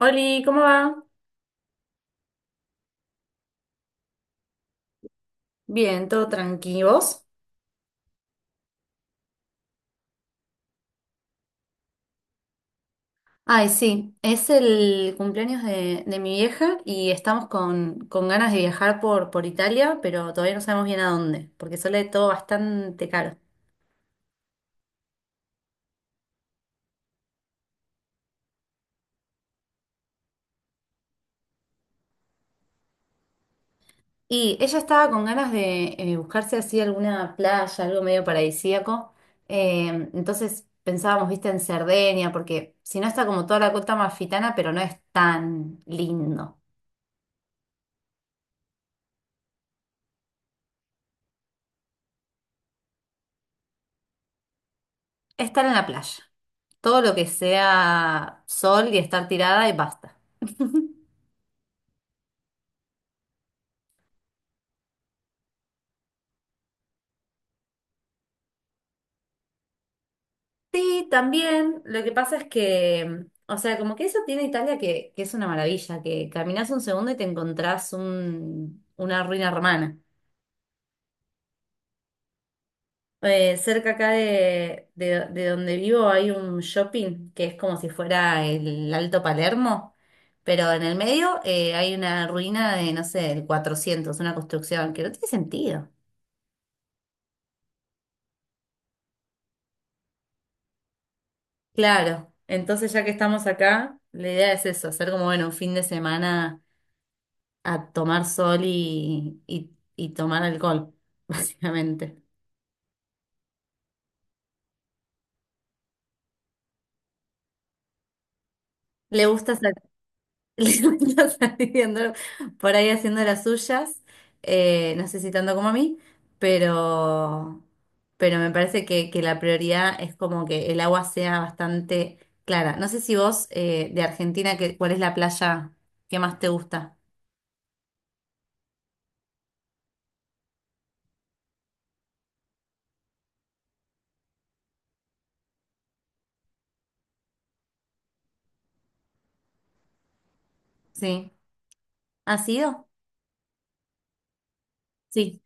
Oli, ¿cómo va? Bien, todo tranquilos. Ay, sí, es el cumpleaños de mi vieja y estamos con ganas de viajar por Italia, pero todavía no sabemos bien a dónde, porque sale todo bastante caro. Y ella estaba con ganas de buscarse así alguna playa, algo medio paradisíaco. Eh, entonces pensábamos, viste, en Cerdeña, porque si no está como toda la costa amalfitana, pero no es tan lindo. Estar en la playa. Todo lo que sea sol y estar tirada y basta. Sí, también. Lo que pasa es que, o sea, como que eso tiene Italia, que es una maravilla, que caminás un segundo y te encontrás una ruina romana. Cerca acá de donde vivo hay un shopping que es como si fuera el Alto Palermo, pero en el medio hay una ruina de, no sé, del 400, una construcción que no tiene sentido. Claro, entonces ya que estamos acá, la idea es eso, hacer como, bueno, un fin de semana a tomar sol y tomar alcohol, básicamente. Le gusta, sa- le gusta salir andar por ahí haciendo las suyas, no sé si tanto como a mí, pero, pero me parece que la prioridad es como que el agua sea bastante clara. No sé si vos, de Argentina, que, ¿cuál es la playa que más te gusta? ¿Sí? ¿Has ido? Sí.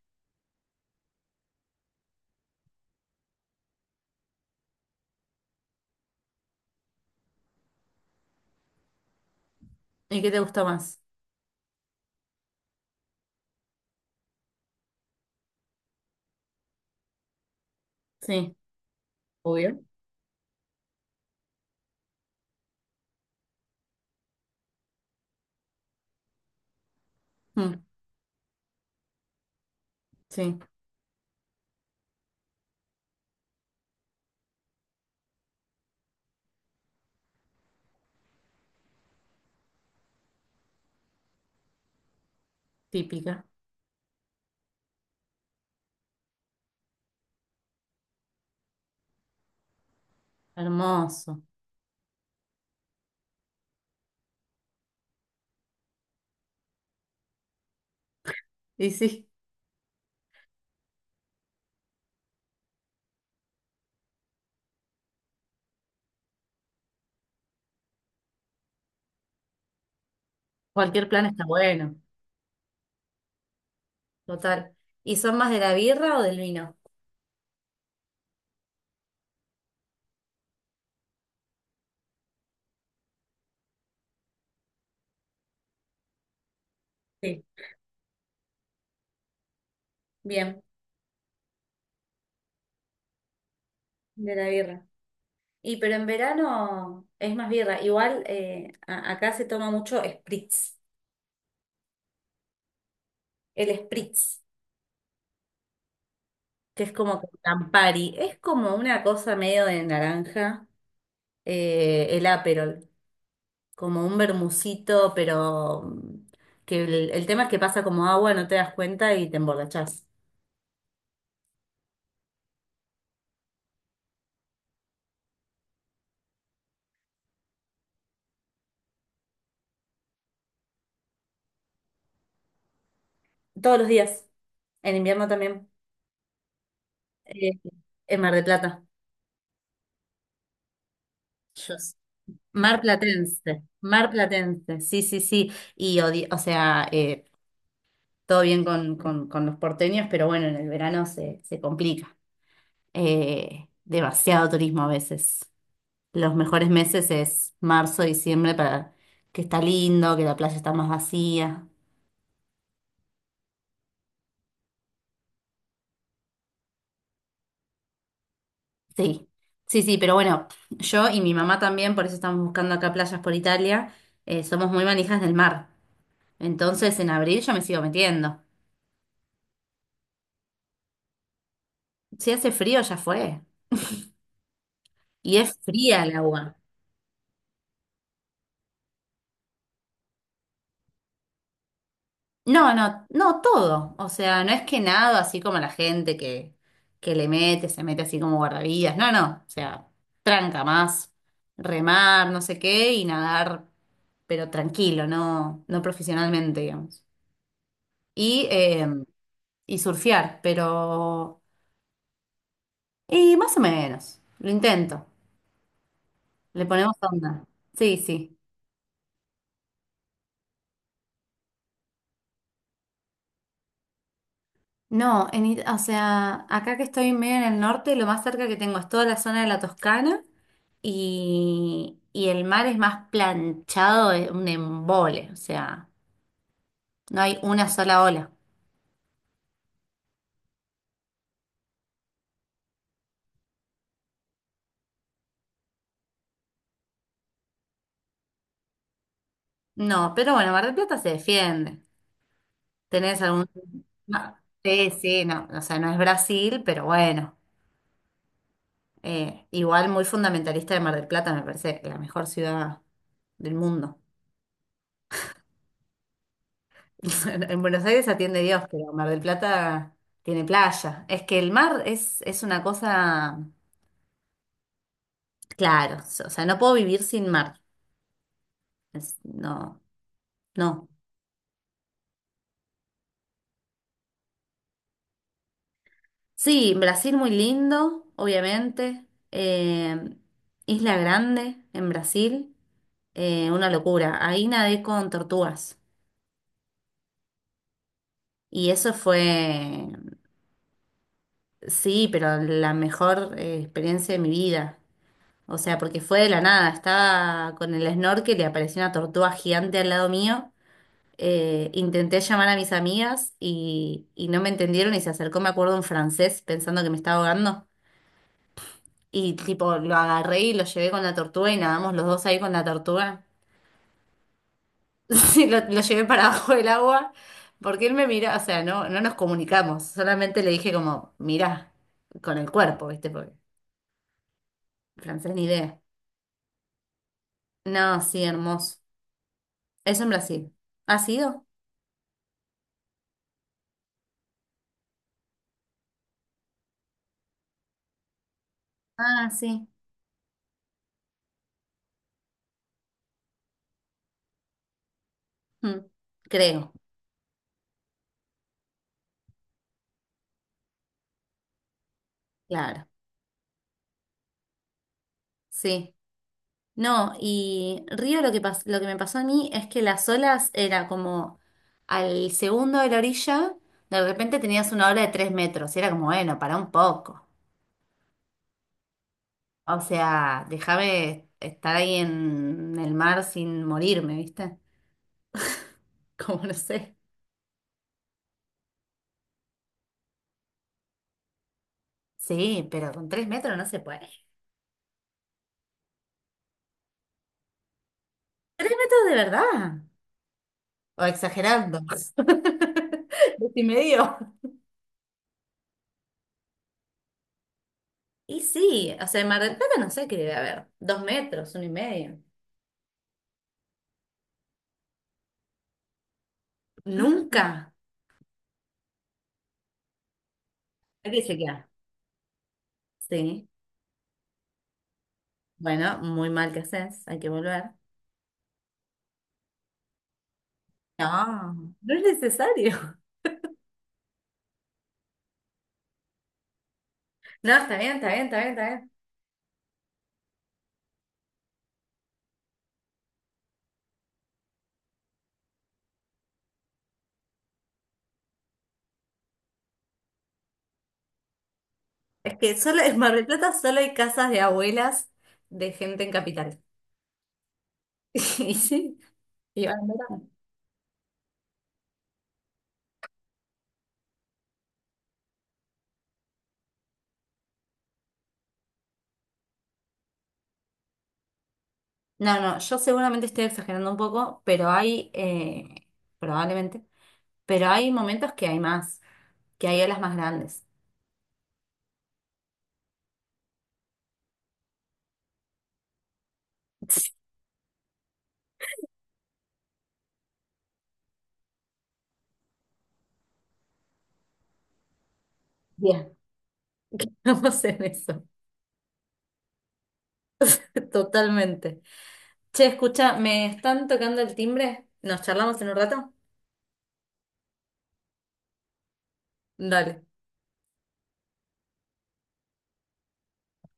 ¿Y qué te gusta más? Sí, obvio. Mm, sí, típica. Hermoso. Y sí, cualquier plan está bueno. Total. ¿Y son más de la birra o del vino? Sí, bien, de la birra. Y pero en verano es más birra. Igual acá se toma mucho spritz. El spritz, que es como con Campari. Es como una cosa medio de naranja, el Aperol. Como un vermucito, pero que el tema es que pasa como agua, no te das cuenta y te emborrachás. Todos los días, en invierno también, eh, en Mar de Plata. Yo s- Mar Platense, Mar Platense, sí, sí, sí. Y, o sea, todo bien con los porteños, pero bueno, en el verano se complica. Demasiado turismo a veces. Los mejores meses es marzo, diciembre, para que está lindo, que la playa está más vacía. Sí, sí, sí, pero bueno, yo y mi mamá también, por eso estamos buscando acá playas por Italia, somos muy manijas del mar. Entonces en abril yo me sigo metiendo. Si hace frío ya fue. Y es fría el agua. No, no, no todo. O sea, no es que nado así como la gente que le mete, se mete así como guardavidas. No, no. O sea, tranca más, remar, no sé qué, y nadar, pero tranquilo, no, no profesionalmente, digamos. Y eh, y surfear, pero... Y más o menos, lo intento, le ponemos onda. Sí, sí. No, o sea, acá que estoy medio en el norte, lo más cerca que tengo es toda la zona de la Toscana y el mar es más planchado, es un embole, o sea, no hay una sola ola. No, pero bueno, Mar del Plata se defiende. ¿Tenés algún...? No, sí, sí, no, o sea, no es Brasil, pero bueno. Igual muy fundamentalista de Mar del Plata, me parece la mejor ciudad del mundo. En Buenos Aires atiende Dios, pero Mar del Plata tiene playa. Es que el mar es una cosa, claro, o sea, no puedo vivir sin mar. No, no. Sí, Brasil muy lindo, obviamente. Eh, Isla Grande en Brasil, una locura. Ahí nadé con tortugas. Y eso fue. Sí, pero la mejor experiencia de mi vida. O sea, porque fue de la nada. Estaba con el snorkel y apareció una tortuga gigante al lado mío. Intenté llamar a mis amigas y no me entendieron y se acercó, me acuerdo, un francés pensando que me estaba ahogando. Y tipo, lo agarré y lo llevé con la tortuga y nadamos los dos ahí con la tortuga. Sí, lo llevé para abajo del agua porque él me mira, o sea, no nos comunicamos. Solamente le dije como, mirá, con el cuerpo, ¿viste? Porque francés ni idea. No, sí, hermoso. Eso en Brasil. ¿Ha sido? Ah, sí. Mm, creo, claro. Sí. No, y Río lo que me pasó a mí es que las olas era como al segundo de la orilla, de repente tenías una ola de 3 metros. Y era como, bueno, para un poco. O sea, déjame estar ahí en el mar sin morirme, ¿viste? Como no sé. Sí, pero con 3 metros no se puede. Esto es de verdad. O exagerando. Decimedio. Y sí, o sea, en Mar del Plata no sé qué debe haber. 2 metros, uno y medio. Nunca. Aquí se queda. Sí. Bueno, muy mal que haces, hay que volver. No, no es necesario. No, está bien, está bien, está bien, está bien. Es que solo en Mar del Plata solo hay casas de abuelas de gente en capital. Y sí. Y van en verano. No, no, yo seguramente estoy exagerando un poco, pero hay, probablemente, pero hay momentos que hay más, que hay olas más grandes. Bien, vamos en eso, totalmente. Che, escucha, ¿me están tocando el timbre? ¿Nos charlamos en un rato? Dale.